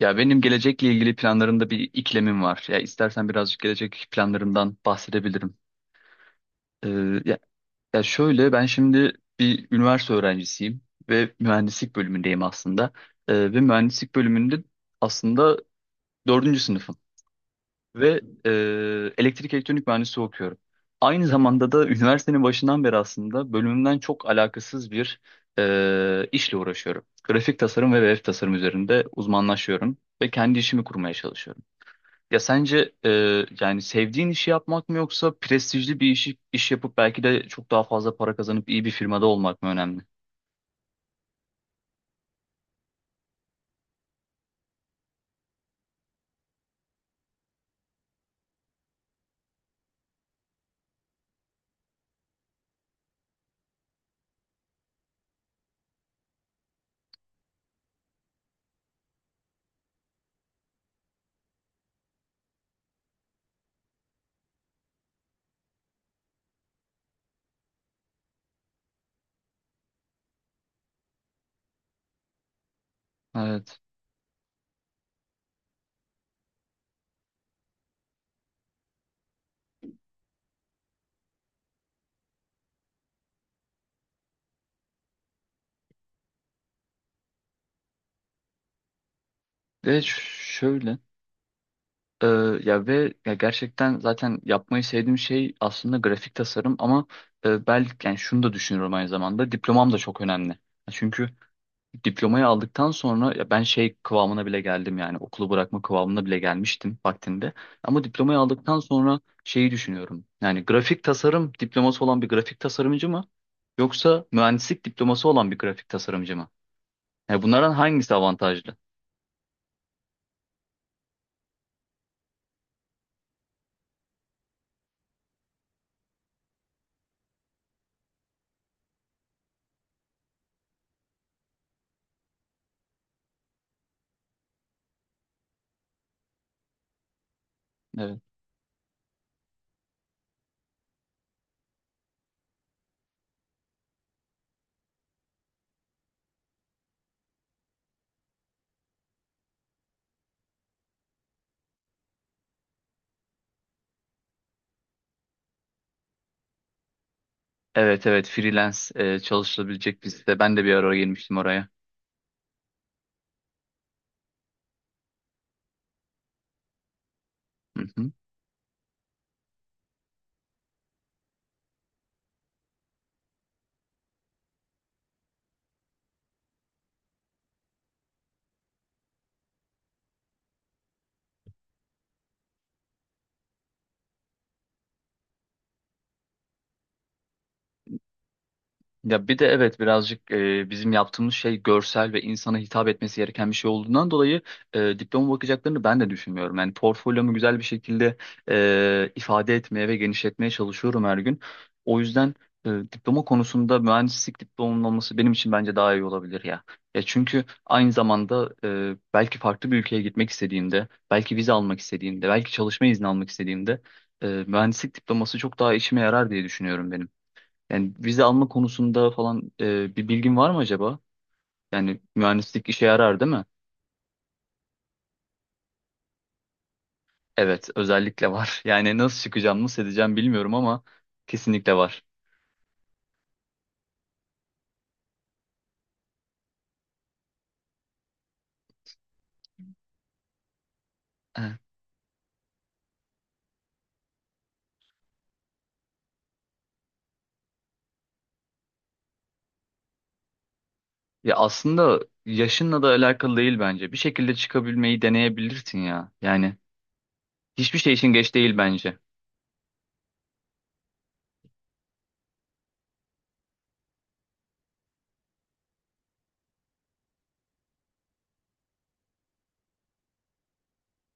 Ya benim gelecekle ilgili planlarımda bir iklemim var. Ya istersen birazcık gelecek planlarımdan bahsedebilirim. Ee, ya, ya şöyle ben şimdi bir üniversite öğrencisiyim ve mühendislik bölümündeyim aslında. Ve mühendislik bölümünde aslında dördüncü sınıfım ve elektrik elektronik mühendisliği okuyorum. Aynı zamanda da üniversitenin başından beri aslında bölümümden çok alakasız bir işle uğraşıyorum. Grafik tasarım ve web tasarım üzerinde uzmanlaşıyorum ve kendi işimi kurmaya çalışıyorum. Ya sence yani sevdiğin işi yapmak mı yoksa prestijli bir iş yapıp belki de çok daha fazla para kazanıp iyi bir firmada olmak mı önemli? Evet. Ve şöyle e, ya ve ya gerçekten zaten yapmayı sevdiğim şey aslında grafik tasarım ama belki yani şunu da düşünüyorum aynı zamanda diplomam da çok önemli. Çünkü diplomayı aldıktan sonra ya ben şey kıvamına bile geldim yani okulu bırakma kıvamına bile gelmiştim vaktinde. Ama diplomayı aldıktan sonra şeyi düşünüyorum. Yani grafik tasarım diploması olan bir grafik tasarımcı mı yoksa mühendislik diploması olan bir grafik tasarımcı mı? Yani bunlardan hangisi avantajlı? Evet. Evet, evet, freelance çalışılabilecek bir site. Ben de bir ara girmiştim oraya. Hı hı. Ya bir de evet birazcık bizim yaptığımız şey görsel ve insana hitap etmesi gereken bir şey olduğundan dolayı diploma bakacaklarını ben de düşünmüyorum. Yani portfolyomu güzel bir şekilde ifade etmeye ve genişletmeye çalışıyorum her gün. O yüzden diploma konusunda mühendislik diplomamın olması benim için bence daha iyi olabilir ya. Ya çünkü aynı zamanda belki farklı bir ülkeye gitmek istediğimde, belki vize almak istediğimde, belki çalışma izni almak istediğimde mühendislik diploması çok daha işime yarar diye düşünüyorum benim. Yani vize alma konusunda falan bir bilgin var mı acaba? Yani mühendislik işe yarar değil mi? Evet, özellikle var. Yani nasıl çıkacağım, nasıl edeceğim bilmiyorum ama kesinlikle var. Evet. Ya aslında yaşınla da alakalı değil bence. Bir şekilde çıkabilmeyi deneyebilirsin ya. Yani hiçbir şey için geç değil bence.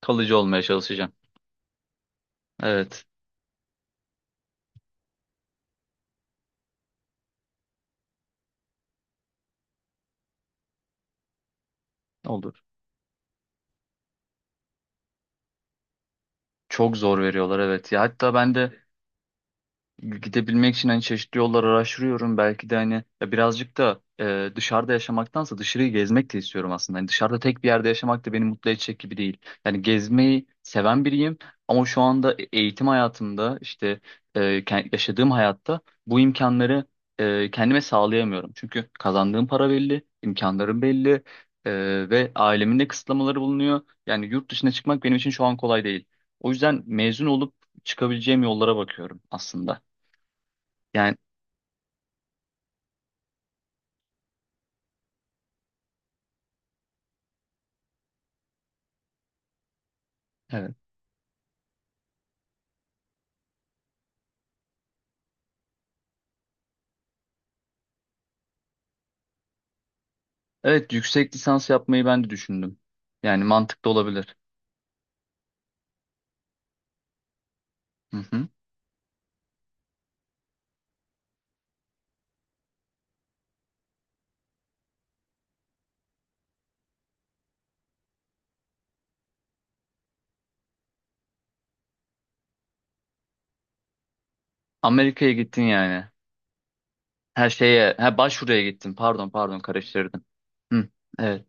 Kalıcı olmaya çalışacaksın. Evet, olur. Çok zor veriyorlar, evet. Ya hatta ben de gidebilmek için hani çeşitli yollar araştırıyorum. Belki de hani ya birazcık da dışarıda yaşamaktansa dışarıyı gezmek de istiyorum aslında. Hani dışarıda tek bir yerde yaşamak da beni mutlu edecek gibi değil. Yani gezmeyi seven biriyim ama şu anda eğitim hayatımda işte yaşadığım hayatta bu imkanları kendime sağlayamıyorum. Çünkü kazandığım para belli, imkanlarım belli, ve ailemin de kısıtlamaları bulunuyor. Yani yurt dışına çıkmak benim için şu an kolay değil. O yüzden mezun olup çıkabileceğim yollara bakıyorum aslında. Yani evet. Evet, yüksek lisans yapmayı ben de düşündüm. Yani mantıklı olabilir. Hı hı. Amerika'ya gittin yani. Her şeye, ha, başvuruya gittin. Pardon, pardon, karıştırdım. Hı. Evet.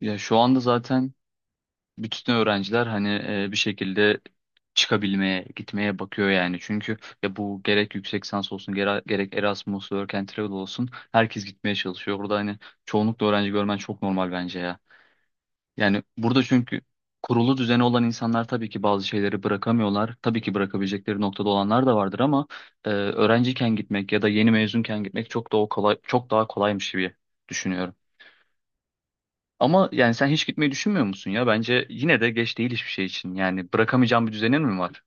Ya şu anda zaten bütün öğrenciler hani bir şekilde çıkabilmeye, gitmeye bakıyor yani. Çünkü ya bu gerek yüksek lisans olsun, gerek Erasmus, Work and Travel olsun herkes gitmeye çalışıyor. Burada hani çoğunlukla öğrenci görmen çok normal bence ya. Yani burada çünkü kurulu düzeni olan insanlar tabii ki bazı şeyleri bırakamıyorlar. Tabii ki bırakabilecekleri noktada olanlar da vardır ama öğrenciyken gitmek ya da yeni mezunken gitmek çok daha kolay, çok daha kolaymış gibi düşünüyorum. Ama yani sen hiç gitmeyi düşünmüyor musun ya? Bence yine de geç değil hiçbir şey için. Yani bırakamayacağım bir düzenin mi var?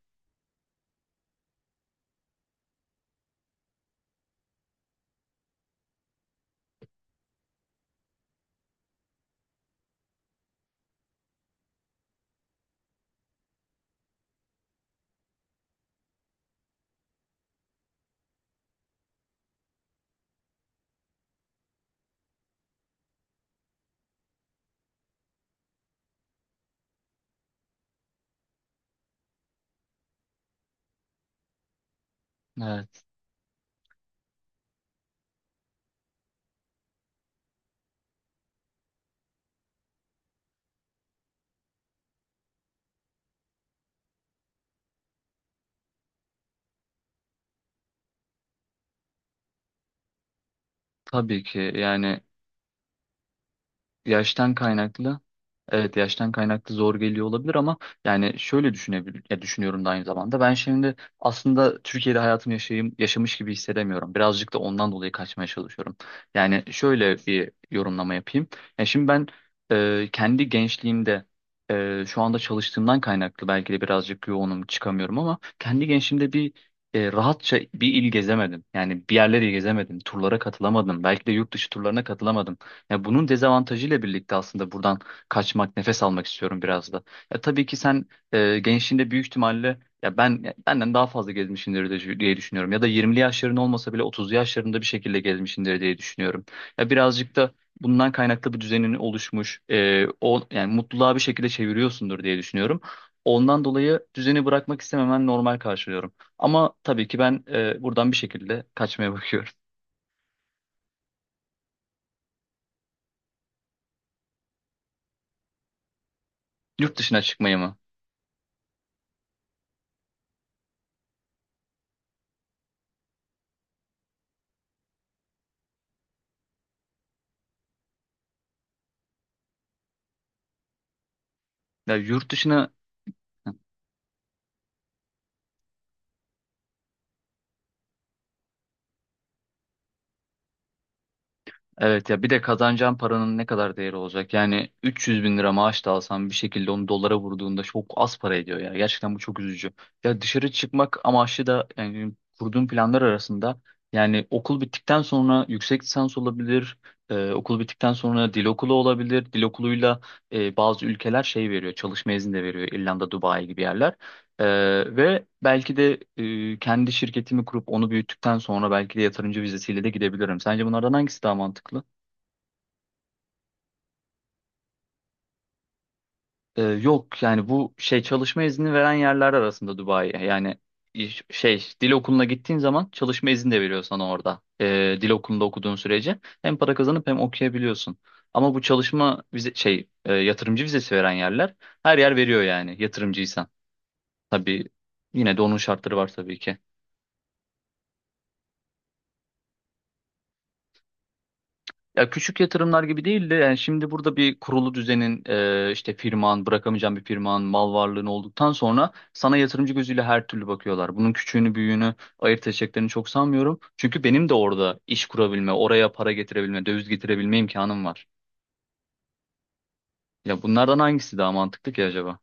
Evet, tabii ki yani yaştan kaynaklı, evet, yaştan kaynaklı zor geliyor olabilir ama yani şöyle düşünebilir ya, düşünüyorum da aynı zamanda ben şimdi aslında Türkiye'de hayatımı yaşayayım, yaşamış gibi hissedemiyorum. Birazcık da ondan dolayı kaçmaya çalışıyorum. Yani şöyle bir yorumlama yapayım. Ya şimdi ben kendi gençliğimde, şu anda çalıştığımdan kaynaklı belki de birazcık yoğunum, çıkamıyorum, ama kendi gençliğimde bir rahatça bir il gezemedim. Yani bir yerleri gezemedim. Turlara katılamadım. Belki de yurt dışı turlarına katılamadım. Ya bunun dezavantajıyla birlikte aslında buradan kaçmak, nefes almak istiyorum biraz da. Ya tabii ki sen gençliğinde büyük ihtimalle ya ben ya benden daha fazla gezmişsindir diye düşünüyorum. Ya da 20'li yaşların olmasa bile 30'lu yaşlarında bir şekilde gezmişsindir diye düşünüyorum. Ya birazcık da bundan kaynaklı bir düzenin oluşmuş, o yani mutluluğa bir şekilde çeviriyorsundur diye düşünüyorum. Ondan dolayı düzeni bırakmak istememen normal karşılıyorum. Ama tabii ki ben buradan bir şekilde kaçmaya bakıyorum. Yurt dışına çıkmayı mı? Ya yurt dışına. Evet, ya bir de kazanacağın paranın ne kadar değeri olacak? Yani 300 bin lira maaş da alsan bir şekilde onu dolara vurduğunda çok az para ediyor ya. Gerçekten bu çok üzücü. Ya dışarı çıkmak amaçlı da yani kurduğum planlar arasında yani okul bittikten sonra yüksek lisans olabilir. Okul bittikten sonra dil okulu olabilir. Dil okuluyla bazı ülkeler şey veriyor. Çalışma izni de veriyor. İrlanda, Dubai gibi yerler. E, ve belki de kendi şirketimi kurup onu büyüttükten sonra belki de yatırımcı vizesiyle de gidebilirim. Sence bunlardan hangisi daha mantıklı? Yok yani bu şey çalışma izni veren yerler arasında Dubai. Yani şey, dil okuluna gittiğin zaman çalışma izni de veriyor sana orada. Dil okulunda okuduğun sürece hem para kazanıp hem okuyabiliyorsun. Ama bu çalışma vize şey yatırımcı vizesi veren yerler her yer veriyor yani yatırımcıysan. Tabii yine de onun şartları var tabii ki. Ya küçük yatırımlar gibi değil de, yani şimdi burada bir kurulu düzenin, işte firman, bırakamayacağın bir firman, mal varlığın olduktan sonra sana yatırımcı gözüyle her türlü bakıyorlar. Bunun küçüğünü büyüğünü ayırt edeceklerini çok sanmıyorum. Çünkü benim de orada iş kurabilme, oraya para getirebilme, döviz getirebilme imkanım var. Ya bunlardan hangisi daha mantıklı ki acaba?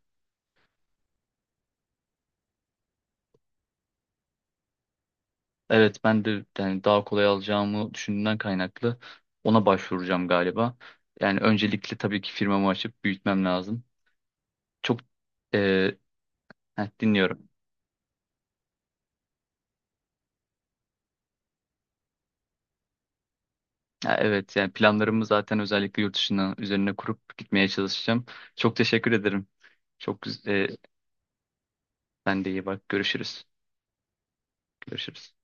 Evet, ben de yani daha kolay alacağımı düşündüğümden kaynaklı ona başvuracağım galiba. Yani öncelikle tabii ki firmamı açıp büyütmem lazım. Çok e, dinliyorum. Ya evet, yani planlarımı zaten özellikle yurt dışına üzerine kurup gitmeye çalışacağım. Çok teşekkür ederim. Çok güzel. Ben de iyi bak. Görüşürüz. Görüşürüz.